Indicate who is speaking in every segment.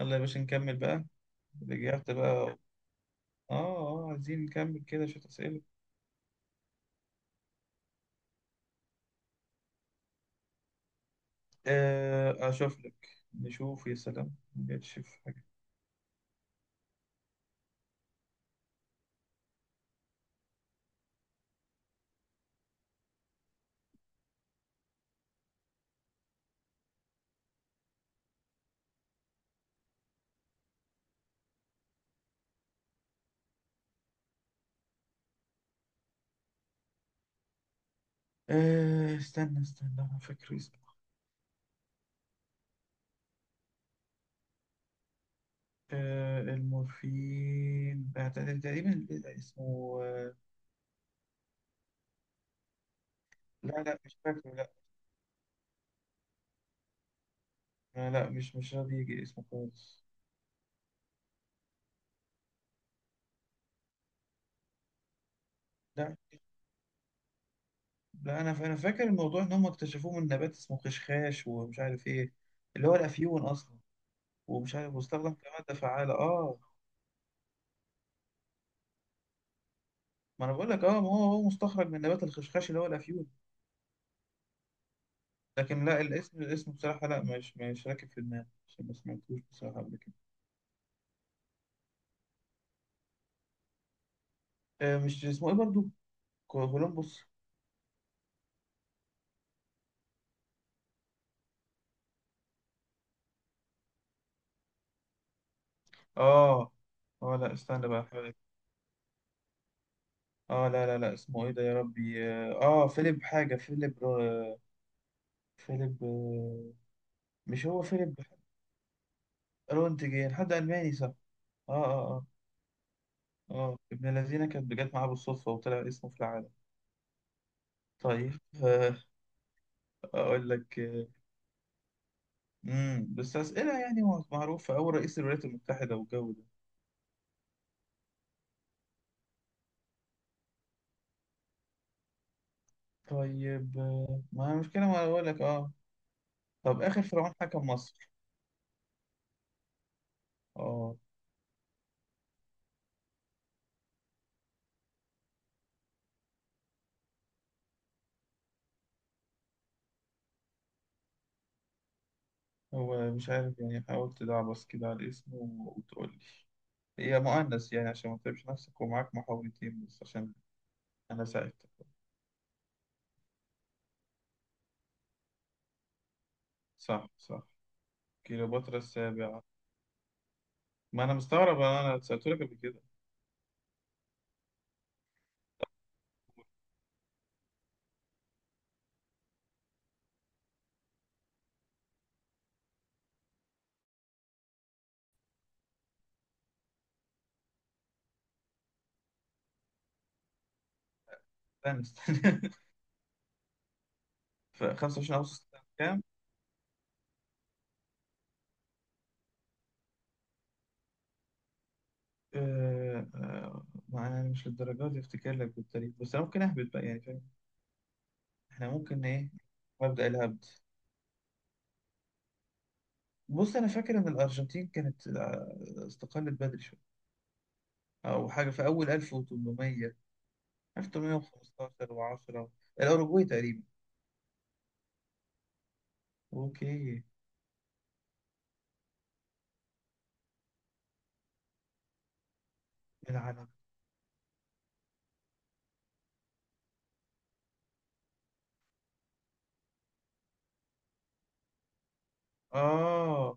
Speaker 1: يلا يا باشا، نكمل بقى. رجعت بقى. اه، اه، عايزين نكمل كده شوية أسئلة. آه، أشوف لك. نشوف، يا سلام نكتشف حاجة. آه، استنى استنى، أنا فاكر اسمه. آه، المورفين. آه، تقريبا. اسمه. لا، لا، مش فاكره، لا. آه، لا، مش راضي يجي اسمه خالص. لا، لا، أنا فاكر الموضوع إن هم اكتشفوه من نبات اسمه خشخاش، ومش عارف إيه، اللي هو الأفيون أصلا. ومش عارف، واستخدم كمادة فعالة. اه. ما انا بقول لك، ما هو مستخرج من نبات الخشخاش اللي هو الافيون. لكن لا، الاسم بصراحه، لا، مش راكب في دماغي عشان ما سمعتوش بصراحه قبل كده. آه، مش اسمه ايه برضو. كولومبوس. اه، اه، لا، استنى بقى أحاول أجيب. اه، لا، لا، لا، اسمه ايه ده يا ربي؟ فيليب حاجه، فيليب رو... فيليب، مش هو فيليب؟ رونتجين، حد الماني، صح. اه، اه، اه. اه، ابن الذين كانت جت معاه بالصدفه، وطلع اسمه في العالم. طيب. اقول لك. بس أسئلة يعني معروفة، أو رئيس الولايات المتحدة والجو ده. طيب، ما المشكلة. ما أقول لك. طب، آخر فرعون حكم مصر. أه. هو مش عارف يعني، حاولت تعبس كده على اسمه وتقول لي، هي مؤنث يعني عشان ما تتعبش نفسك، ومعاك محاولتين بس عشان أنا ساعدتك. صح، صح. كليوباترا السابعة. ما أنا مستغرب، أنا سألت لك قبل كده. استنى، استنى. في 25 أغسطس سنة كام؟ ما أنا مش للدرجة دي أفتكر لك بالتاريخ، بس أنا ممكن أهبط بقى يعني. احنا ممكن ايه، مبدأ الهبد. بص، انا فاكر ان الارجنتين كانت، استقلت بدري شويه، او حاجه في اول 1800. 1815 و10، الاوروجواي تقريبا. اوكي. العالم. اه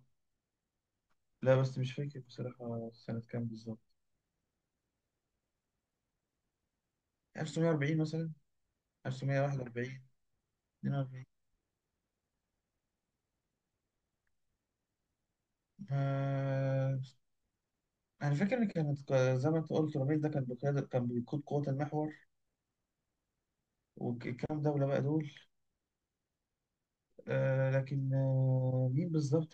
Speaker 1: لا، بس مش فاكر بصراحه سنه كام بالظبط. 1940 مثلا. 1941. 42. آه... انا فاكر ان كانت، زي ما انت قلت، رميل ده كان بقياده، كان بيقود قوات المحور، وكام دوله بقى دول. لكن مين بالظبط؟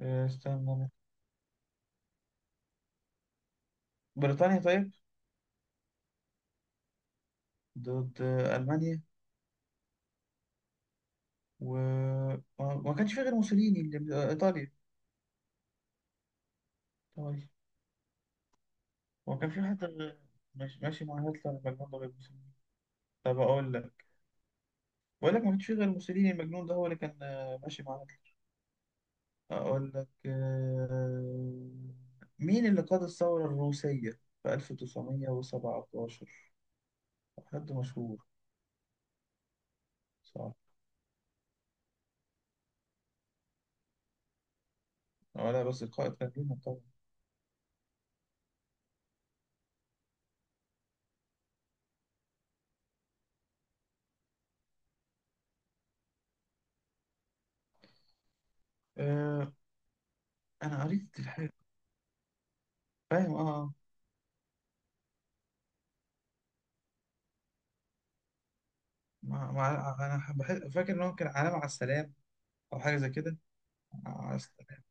Speaker 1: استنى. بريطانيا، طيب. ضد ألمانيا. وما ما كانش في غير موسوليني اللي إيطاليا. طيب، هو كان في حد مش ماشي مع هتلر المجنون ده غير موسوليني؟ طب، أقول لك، بقول لك، ما كانش في غير موسوليني المجنون ده هو اللي كان، ماشي مع هتلر. أقول لك، مين اللي قاد الثورة الروسية في 1917؟ حد مشهور، صح. ولا بس القائد كان لينا طبعا. آه، أنا قريت الحاجة. فاهم، اه، آه. انا فاكر ان هو كان علامة على السلام، او حاجة زي كده. على السلام.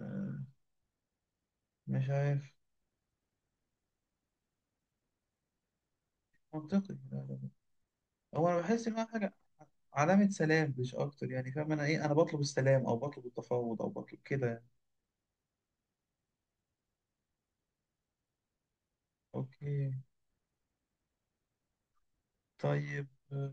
Speaker 1: آه، مش عارف. منطقي. لا، لا، لا. هو انا بحس ان هو حاجة، علامة سلام مش اكتر يعني. فاهم انا ايه، انا بطلب السلام، او بطلب التفاوض، او بطلب كده يعني. اوكي. طيب.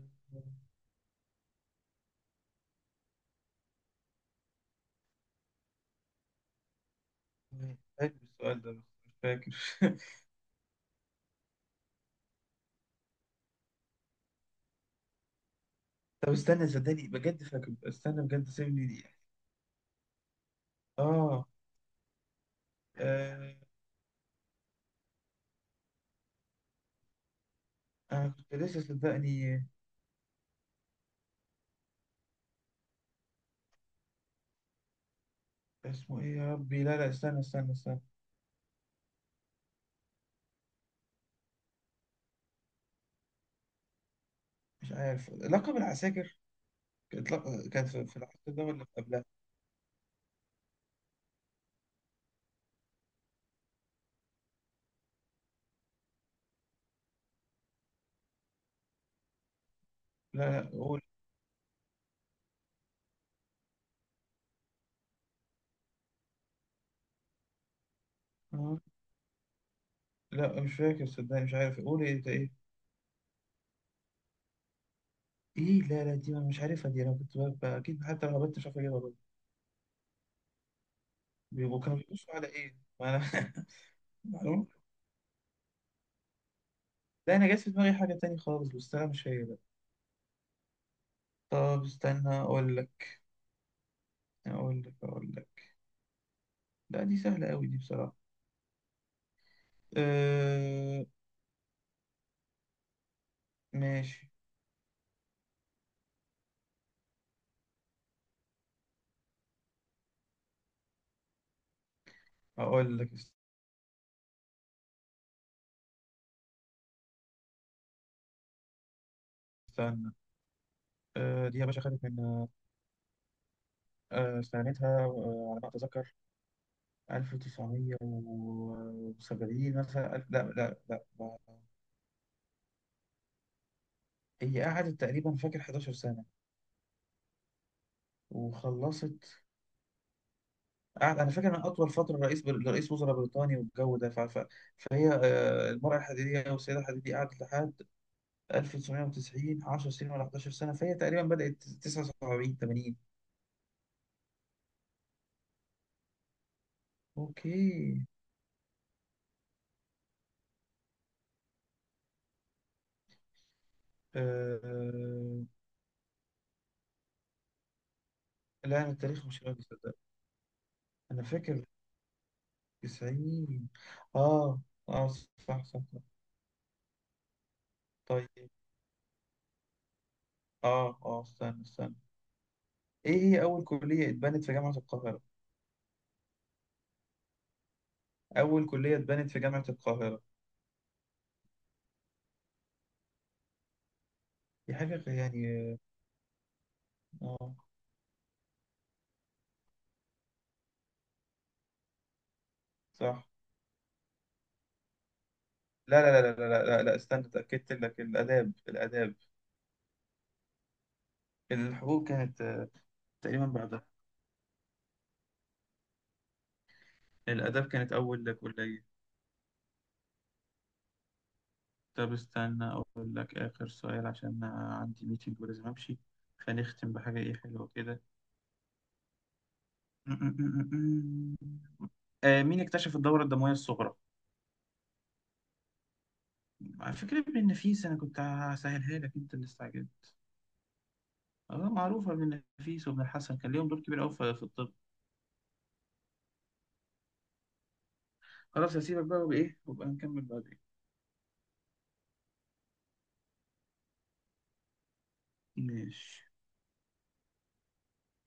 Speaker 1: مش فاكر السؤال ده، بس مش فاكر. طب، استنى، صدقني بجد فاكر، استنى بجد، سيبني دي. اه. آه، انا كنت لسه، صدقني. اسمه ايه يا ربي! لا، لا، استنى، استنى، استنى. مش عارف. لقب العساكر كانت، كانت في العصر ده ولا قبلها؟ لا، لا، قول. آه، لا، مش فاكر، صدقني. مش عارف. قول ايه ده، ايه. ايه؟ لا، لا، دي أنا مش عارفها. دي انا كنت اكيد، حتى لو هبت مش عارف اجيبها برضه. كانوا بيبصوا على ايه، ما انا. معلومة. لا، انا جات في دماغي حاجة تانية خالص، بس انا مش هي بقى. طب، استنى، اقول لك. لا، دي سهلة قوي دي بصراحة. أه. ماشي. اقول لك. استنى. دي يا باشا خدت من، استعنتها، على ما اتذكر، 1970 مثلا، لا، لا، لا، هي قعدت تقريبا، فاكر 11 سنة وخلصت. قعد، انا فاكر ان اطول فترة رئيس وزراء بريطاني والجو ده، فهي المرأة الحديدية والسيدة الحديدية، قعدت لحد 1990. 10 سنين ولا 11 سنة. فهي تقريبا بدأت 79، 80. اوكي. أه... لا، انا التاريخ مش راضي، صدق. انا فاكر 90. اه، اه، صح، صح، صح. طيب، اه، اه، استنى، استنى. ايه هي اول كلية اتبنت في جامعة القاهرة؟ اول كلية اتبنت في جامعة القاهرة. دي حاجة يعني. اه، صح. لا، لا، لا، لا، لا، لا، لا، استنى، اتأكدت لك. الاداب، الاداب. الحقوق كانت، تقريبا بعدها. الاداب كانت اول كلية. طب، استنى اقول لك اخر سؤال، عشان أنا عندي ميتنج ولازم امشي. فنختم بحاجة ايه حلوة كده. مين اكتشف الدورة الدموية الصغرى؟ على فكرة ابن النفيس. أنا كنت هسهلها لك، أنت اللي استعجلت. اه، معروفة. ابن النفيس وابن الحسن كان ليهم دور كبير أوي في الطب. خلاص، هسيبك بقى، وبإيه، وبقى نكمل بعدين. ماشي.